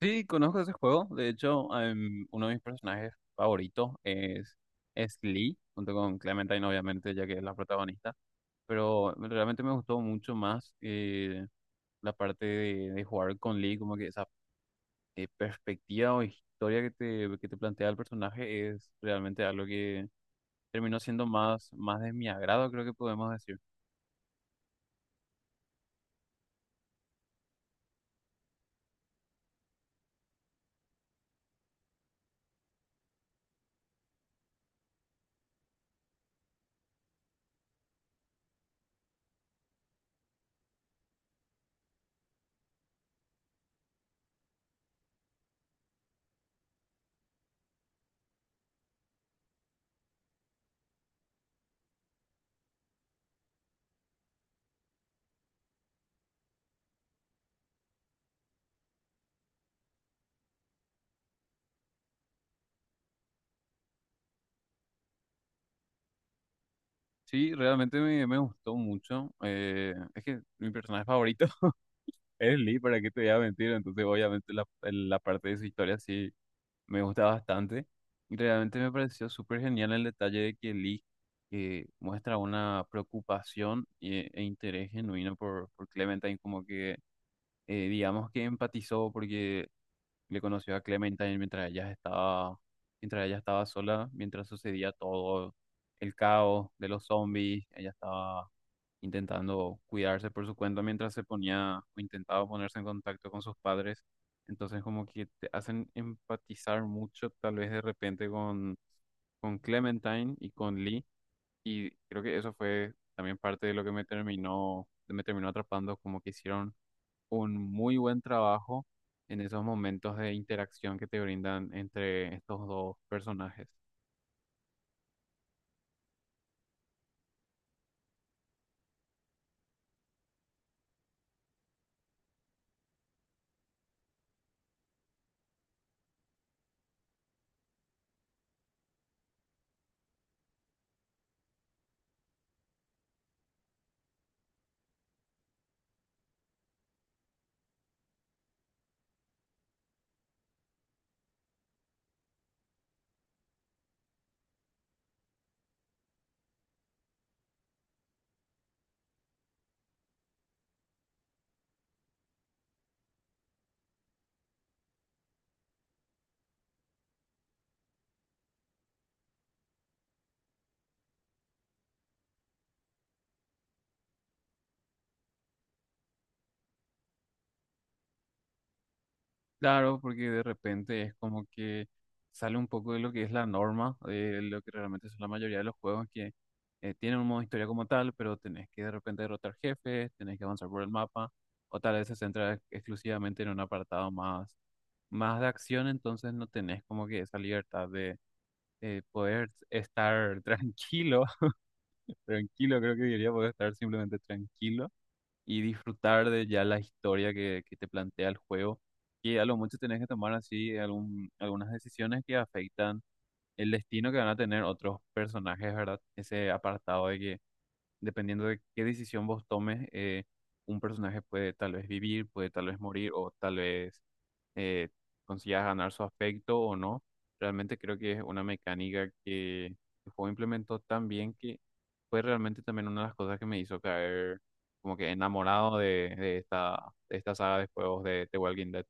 Sí, conozco ese juego. De hecho, uno de mis personajes favoritos es Lee, junto con Clementine, obviamente, ya que es la protagonista. Pero realmente me gustó mucho más la parte de jugar con Lee, como que esa perspectiva o historia que te plantea el personaje es realmente algo que terminó siendo más de mi agrado, creo que podemos decir. Sí, realmente me gustó mucho. Es que mi personaje favorito es Lee, para que te voy a mentir, entonces obviamente la parte de su historia sí me gusta bastante y realmente me pareció súper genial el detalle de que Lee muestra una preocupación e interés genuino por Clementine, como que digamos que empatizó porque le conoció a Clementine mientras ella estaba sola, mientras sucedía todo el caos de los zombies, ella estaba intentando cuidarse por su cuenta mientras se ponía o intentaba ponerse en contacto con sus padres. Entonces como que te hacen empatizar mucho tal vez de repente con Clementine y con Lee. Y creo que eso fue también parte de lo que me terminó atrapando, como que hicieron un muy buen trabajo en esos momentos de interacción que te brindan entre estos dos personajes. Claro, porque de repente es como que sale un poco de lo que es la norma, de lo que realmente son la mayoría de los juegos que tienen un modo historia como tal, pero tenés que de repente derrotar jefes, tenés que avanzar por el mapa, o tal vez se centra exclusivamente en un apartado más, más de acción, entonces no tenés como que esa libertad de poder estar tranquilo, tranquilo creo que diría, poder estar simplemente tranquilo y disfrutar de ya la historia que te plantea el juego. Y a lo mucho tenés que tomar así algún, algunas decisiones que afectan el destino que van a tener otros personajes, ¿verdad? Ese apartado de que dependiendo de qué decisión vos tomes, un personaje puede tal vez vivir, puede tal vez morir o tal vez eh, consigas ganar su afecto o no. Realmente creo que es una mecánica que el juego implementó tan bien que fue realmente también una de las cosas que me hizo caer como que enamorado de esta saga de juegos de The Walking Dead.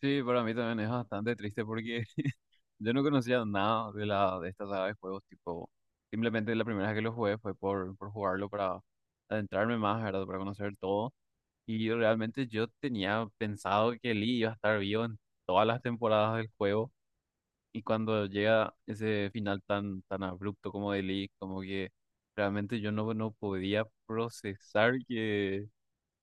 Sí, para mí también es bastante triste porque yo no conocía nada de la de esta saga de juegos, tipo, simplemente la primera vez que lo jugué fue por jugarlo para adentrarme más, ¿verdad? Para conocer todo. Y realmente yo tenía pensado que Lee iba a estar vivo en todas las temporadas del juego. Y cuando llega ese final tan, tan abrupto como de Lee, como que realmente yo no podía procesar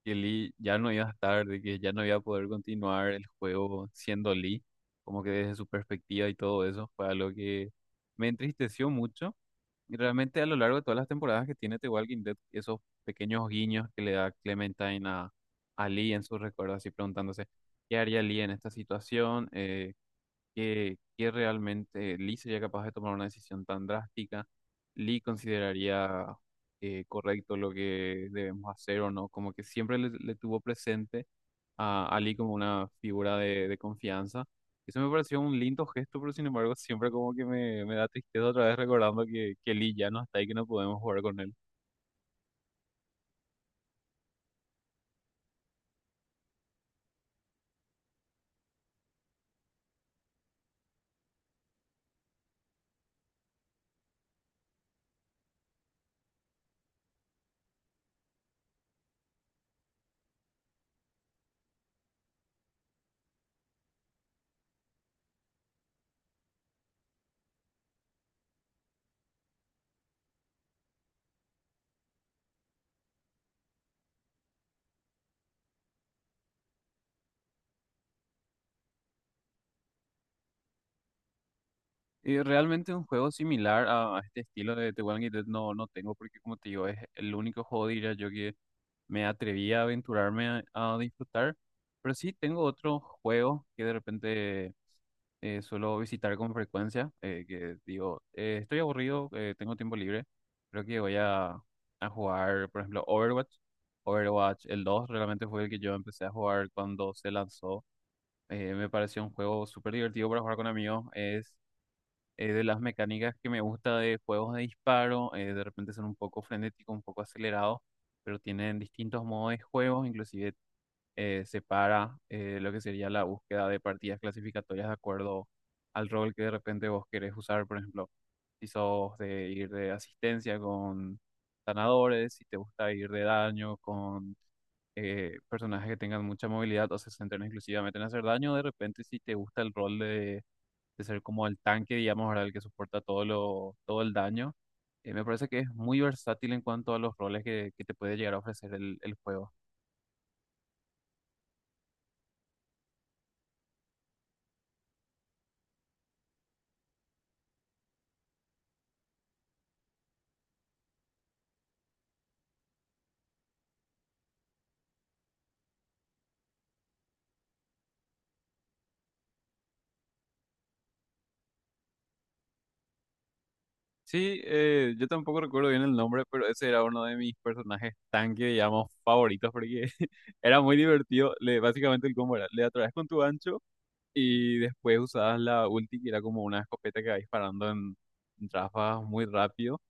que Lee ya no iba a estar, de que ya no iba a poder continuar el juego siendo Lee, como que desde su perspectiva y todo eso, fue algo que me entristeció mucho. Y realmente a lo largo de todas las temporadas que tiene The Walking Dead, esos pequeños guiños que le da Clementine a Lee en sus recuerdos, así preguntándose, ¿qué haría Lee en esta situación? Que realmente Lee sería capaz de tomar una decisión tan drástica. Lee consideraría correcto lo que debemos hacer o no, como que siempre le tuvo presente a Lee como una figura de confianza. Eso me pareció un lindo gesto, pero sin embargo siempre como que me da tristeza otra vez recordando que Lee ya no está y que no podemos jugar con él. Y realmente un juego similar a este estilo de The Walking Dead no tengo porque como te digo es el único juego diría yo que me atreví a aventurarme a disfrutar. Pero sí tengo otros juegos que de repente suelo visitar con frecuencia, que digo, estoy aburrido, tengo tiempo libre, creo que voy a jugar, por ejemplo, Overwatch. Overwatch, el 2 realmente fue el que yo empecé a jugar cuando se lanzó. Me pareció un juego súper divertido para jugar con amigos de las mecánicas que me gusta de juegos de disparo, de repente son un poco frenéticos, un poco acelerados, pero tienen distintos modos de juego, inclusive separa lo que sería la búsqueda de partidas clasificatorias de acuerdo al rol que de repente vos querés usar, por ejemplo, si sos de ir de asistencia con sanadores, si te gusta ir de daño con personajes que tengan mucha movilidad o se centren exclusivamente en hacer daño, de repente si te gusta el rol de ser como el tanque, digamos, ¿verdad? El que soporta todo lo, todo el daño. Me parece que es muy versátil en cuanto a los roles que te puede llegar a ofrecer el juego. Sí, yo tampoco recuerdo bien el nombre, pero ese era uno de mis personajes tanque, digamos, favoritos, porque era muy divertido. Le, básicamente el combo era, le atraes con tu ancho y después usabas la ulti, que era como una escopeta que va disparando en ráfagas muy rápido.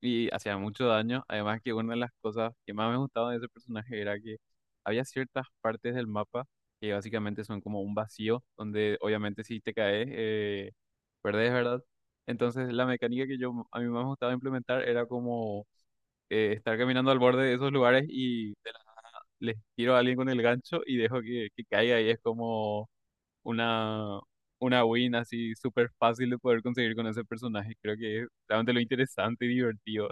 Y hacía mucho daño. Además que una de las cosas que más me gustaba de ese personaje era que había ciertas partes del mapa que básicamente son como un vacío, donde obviamente si te caes, perdés, ¿verdad? Entonces la mecánica que yo a mí más me gustaba implementar era como estar caminando al borde de esos lugares y les tiro a alguien con el gancho y dejo que caiga y es como una... Una win así súper fácil de poder conseguir con ese personaje. Creo que es realmente lo interesante y divertido.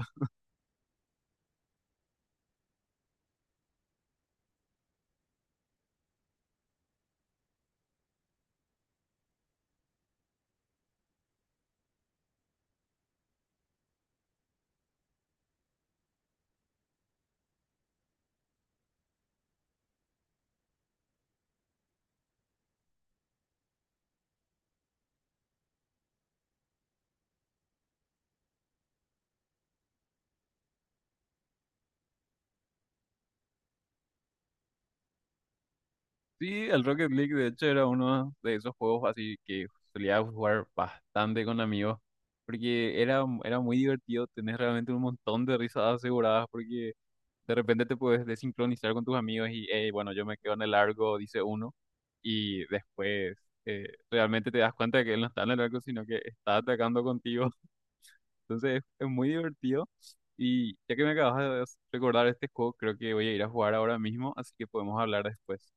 Sí, el Rocket League de hecho era uno de esos juegos así que solía jugar bastante con amigos, porque era muy divertido, tenés realmente un montón de risas aseguradas, porque de repente te puedes desincronizar con tus amigos y, "Ey, bueno, yo me quedo en el largo", dice uno, y después realmente te das cuenta de que él no está en el largo, sino que está atacando contigo. Entonces es muy divertido. Y ya que me acabas de recordar este juego, creo que voy a ir a jugar ahora mismo, así que podemos hablar después.